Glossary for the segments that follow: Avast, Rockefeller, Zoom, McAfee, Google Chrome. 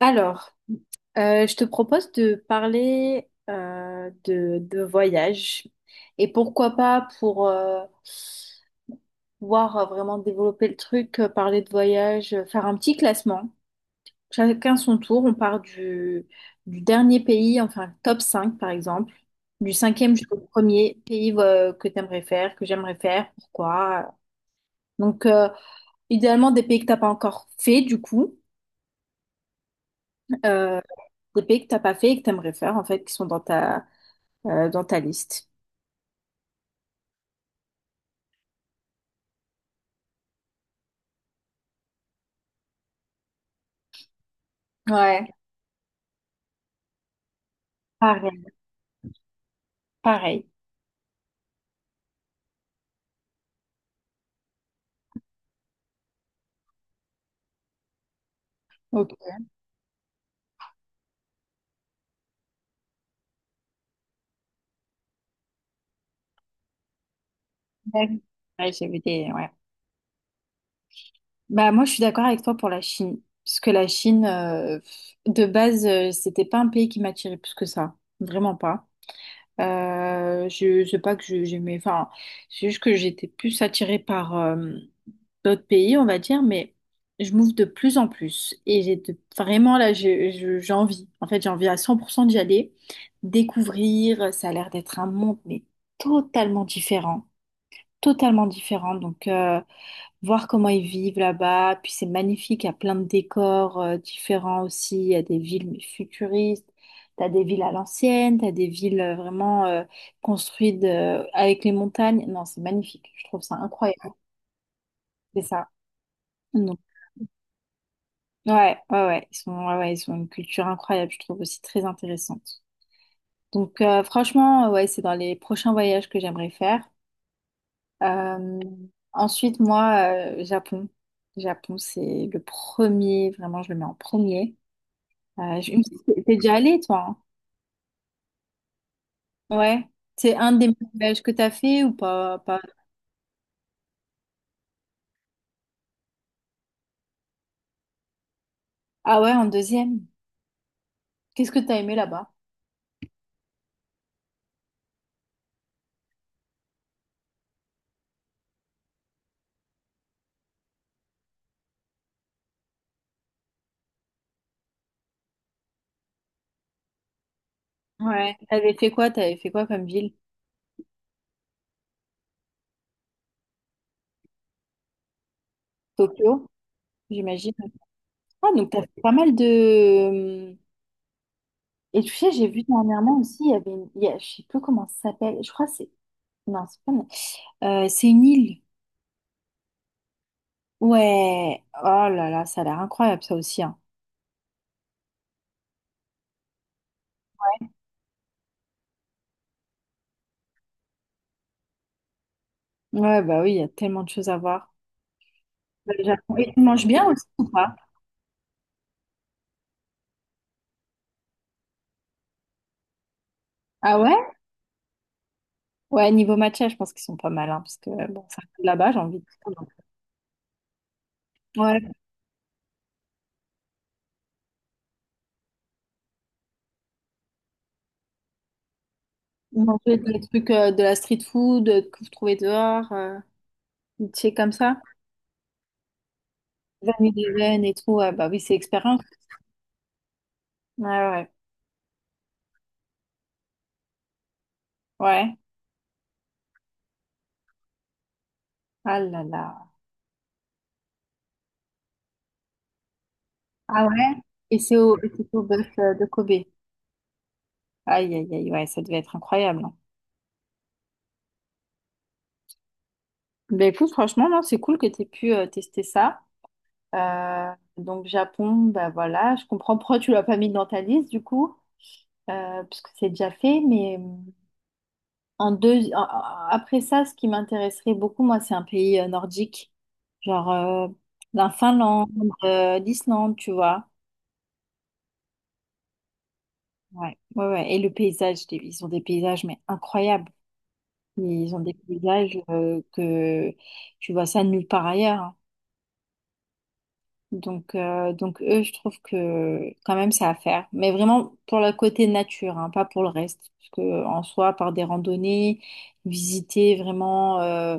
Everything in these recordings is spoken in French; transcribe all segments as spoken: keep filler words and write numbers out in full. Alors, euh, je te propose de parler euh, de, de voyage et pourquoi pas pour euh, pouvoir euh, vraiment développer le truc, euh, parler de voyage, euh, faire un petit classement. Chacun son tour, on part du, du dernier pays, enfin top cinq par exemple, du cinquième jusqu'au premier pays euh, que t'aimerais faire, que j'aimerais faire, pourquoi. Donc, euh, idéalement des pays que t'as pas encore fait du coup, euh, des pays que t'as pas fait et que t'aimerais faire en fait, qui sont dans ta euh, dans ta liste? Ouais, pareil, pareil. Ok. Ouais, ouais, j'ai vu des... Ouais. Bah, moi, je suis d'accord avec toi pour la Chine. Parce que la Chine, euh, pff, de base, euh, c'était pas un pays qui m'attirait plus que ça. Vraiment pas. Euh, je je sais pas que je- j'aimais... Enfin, c'est juste que j'étais plus attirée par euh, d'autres pays, on va dire, mais je m'ouvre de plus en plus. Et j'ai de- vraiment là, j'ai je- j'ai envie. En fait, j'ai envie à cent pour cent d'y aller, découvrir. Ça a l'air d'être un monde, mais totalement différent. Totalement différent. Donc, euh, voir comment ils vivent là-bas. Puis c'est magnifique, il y a plein de décors euh, différents aussi. Il y a des villes mais futuristes. T'as des villes à l'ancienne, t'as des villes euh, vraiment euh, construites euh, avec les montagnes. Non, c'est magnifique. Je trouve ça incroyable. C'est ça. Ouais, ouais, ouais, ils sont, ouais, ouais, ils ont une culture incroyable, je trouve aussi très intéressante. Donc euh, franchement, euh, ouais, c'est dans les prochains voyages que j'aimerais faire. Euh, ensuite, moi, euh, Japon. Japon, c'est le premier, vraiment, je le mets en premier. Euh, je- il me semble que t'es déjà allé, toi? Hein, ouais. C'est un des meilleurs voyages que t'as fait ou pas, pas... Ah ouais, en deuxième. Qu'est-ce que t'as aimé là-bas? Ouais. T'avais fait quoi? T'avais fait quoi comme ville? Tokyo, j'imagine. Ah, donc t'as fait pas mal de... hum, Et tu sais, j'ai vu dernièrement aussi, il y avait une, il y a- je sais plus comment ça s'appelle, je crois que c'est, non, c'est pas, euh, c'est une île. Ouais, oh là là, ça a l'air incroyable ça aussi, hein. Ouais, bah oui, il y a tellement de choses à voir. Bah, le Japon. Et tu manges bien aussi ou pas? Ah ouais? Ouais, niveau matcha, je pense qu'ils sont pas mal, hein, parce que, bon, ça coûte là-bas, j'ai envie de... Ouais, manger des trucs, euh, de la street food, euh, que vous trouvez dehors, euh, tu sais, comme ça. Vanille des veines et tout, ouais, bah oui, c'est expérience. Ouais, ouais, ouais. Ah là là. Ah ouais? Et c'est au, et c'est au bœuf euh, de Kobe. Aïe, aïe, aïe, ouais, ça devait être incroyable. Hein. Ben écoute, franchement, non, c'est cool que tu aies pu euh, tester ça. Euh, donc, Japon, bah voilà, je comprends pourquoi tu l'as pas mis dans ta liste, du coup, euh, parce que c'est déjà fait. Mais euh, en deux, en- en- après ça, ce qui m'intéresserait beaucoup, moi, c'est un pays euh, nordique, genre euh, la Finlande, euh, l'Islande, tu vois. Ouais, ouais, ouais. Et le paysage, des- ils ont des paysages, mais incroyables. Ils ont des paysages euh, que tu vois ça nulle part ailleurs. Hein. Donc, euh, donc eux, je trouve que quand même, c'est à faire. Mais vraiment pour le côté nature, hein, pas pour le reste. Parce que en soi, par des randonnées, visiter vraiment euh,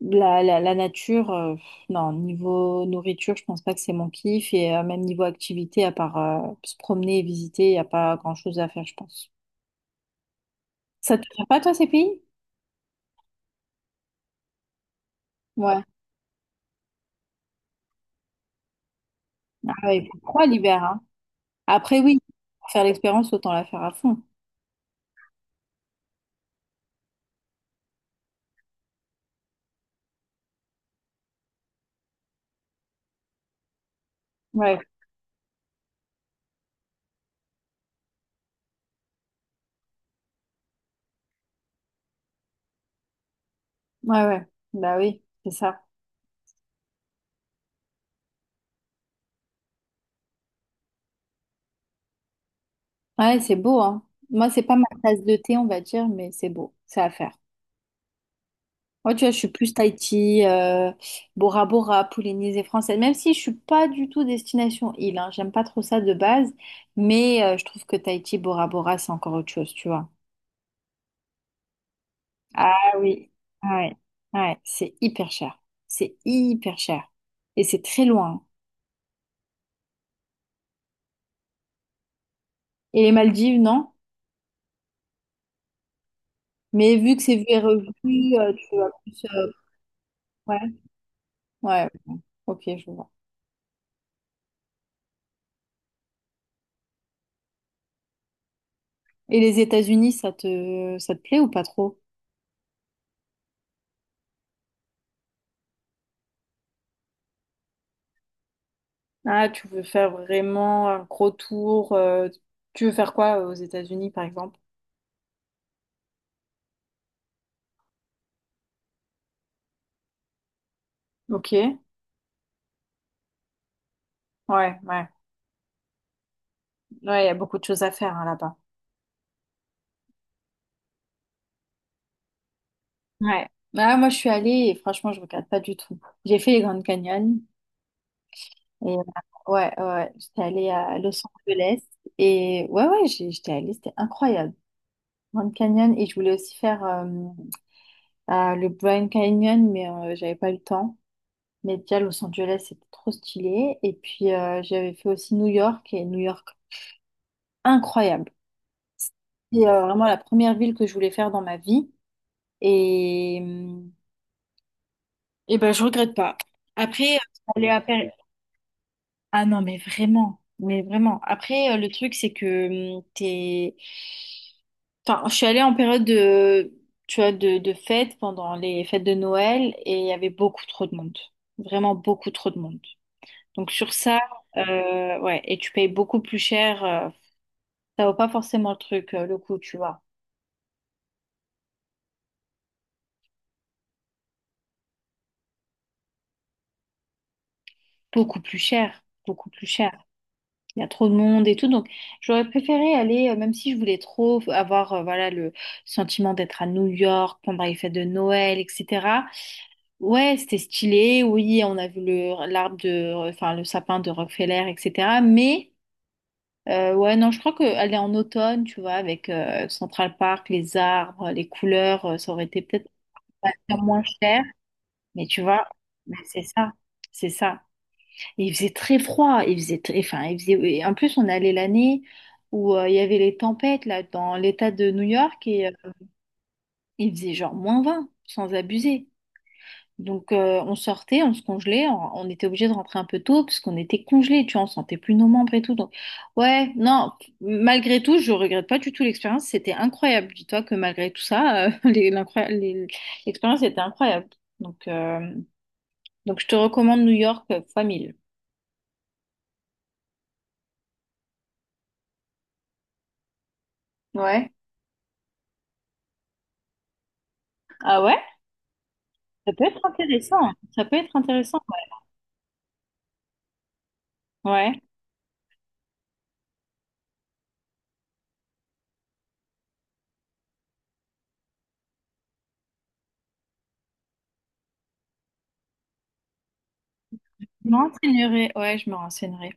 la, la, la nature, euh, pff, non, niveau nourriture, je pense pas que c'est mon kiff. Et euh, même niveau activité, à part euh, se promener et visiter, il n'y a pas grand-chose à faire, je pense. Ça te fait pas, toi, ces pays? Ouais. Ah ouais, il fait froid l'hiver, hein. Après, oui, pour faire l'expérience, autant la faire à fond. Ouais, ouais, ouais. Bah oui, c'est ça. Ouais, c'est beau, hein. Moi, c'est pas ma tasse de thé, on va dire, mais c'est beau, c'est à faire. Moi, tu vois, je suis plus Tahiti, euh, Bora Bora, Polynésie française, même si je suis pas du tout destination île, hein. J'aime pas trop ça de base, mais euh, je trouve que Tahiti, Bora Bora, c'est encore autre chose, tu vois. Ah oui. Ouais, ouais, c'est hyper cher. C'est hyper cher. Et c'est très loin. Et les Maldives, non? Mais vu que c'est vu et revu, euh, tu vas plus. euh, ouais, ouais, ok, je vois. Et les États-Unis, ça te, ça te plaît ou pas trop? Ah, tu veux faire vraiment un gros tour. euh, tu veux faire quoi euh, aux États-Unis, par exemple? Ok, ouais, ouais. Ouais, il y a beaucoup de choses à faire hein, là-bas. Ouais. Ah, moi, je suis allée et franchement, je regarde pas du tout. J'ai fait les Grandes Canyons et euh, ouais, ouais, ouais. J'étais allée à Los Angeles et ouais, ouais, j'ai- j'étais allée, c'était incroyable. Grand Canyon et je voulais aussi faire euh, à le Grand Canyon, mais euh, j'avais pas eu le temps. Mais déjà, Los Angeles, c'était trop stylé. Et puis, euh, j'avais fait aussi New York, et New York, incroyable. C'est euh, vraiment la première ville que je voulais faire dans ma vie. Et, euh, et ben, je regrette pas. Après, euh, aller à Paris. Ah non, mais vraiment. Mais vraiment. Après, euh, le truc, c'est que hum, t'es... Enfin, je suis allée en période de, tu vois, de, de fête pendant les fêtes de Noël et il y avait beaucoup trop de monde. Vraiment beaucoup trop de monde. Donc sur ça, euh, ouais, et tu payes beaucoup plus cher. euh, ça vaut pas forcément le truc, euh, le coup, tu vois. Beaucoup plus cher, beaucoup plus cher. Il y a trop de monde et tout. Donc j'aurais préféré aller, euh, même si je voulais trop avoir, euh, voilà, le sentiment d'être à New York pendant les fêtes de Noël, et cetera. Ouais, c'était stylé. Oui, on a vu le l'arbre de, enfin le sapin de Rockefeller, et cetera. Mais euh, ouais, non, je crois que aller en automne, tu vois, avec euh, Central Park, les arbres, les couleurs, euh, ça aurait été peut-être va faire moins cher, mais tu vois, mais c'est ça, c'est ça. Et il faisait très froid, il faisait très, enfin, il faisait, et en plus, on allait l'année où euh, il y avait les tempêtes, là, dans l'état de New York, et euh, il faisait genre moins vingt sans abuser. Donc, euh, on sortait, on se congelait, on, on était obligé de rentrer un peu tôt, parce qu'on était congelés, tu vois, on sentait plus nos membres et tout. Donc, ouais, non, malgré tout, je regrette pas du tout l'expérience, c'était incroyable. Dis-toi que malgré tout ça, euh, les- l'incroya- les- l'expérience était incroyable. Donc, euh, Donc, je te recommande New York euh, fois mille. Ouais. Ah ouais? Ça peut être intéressant. Ça peut être intéressant. Ouais. Ouais. Je me renseignerai. Ouais, je me renseignerai.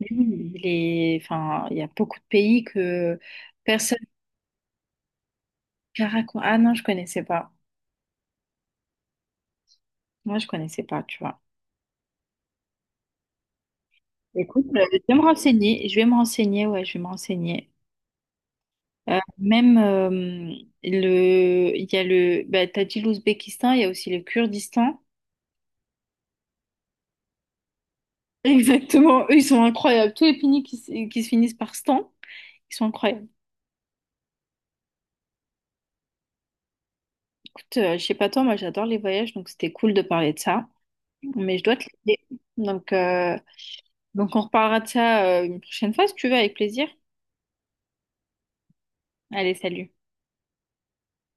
Mais oui, les... Enfin, il y a beaucoup de pays que personne... Caracas. Ah non, je connaissais pas. Moi, je connaissais pas, tu vois. Écoute, euh, je vais me renseigner. Je vais me renseigner. Ouais, je vais me renseigner. Euh, même euh, le, il y a le, bah, t'as dit l'Ouzbékistan, il y a aussi le Kurdistan. Exactement, eux ils sont incroyables. Tous les pays qui, s- qui se finissent par stan. Ils sont incroyables. Écoute, euh, je sais pas toi, moi j'adore les voyages, donc c'était cool de parler de ça. Mais je dois te laisser. Donc, euh, donc on reparlera de ça euh, une prochaine fois si tu veux, avec plaisir. Allez, salut.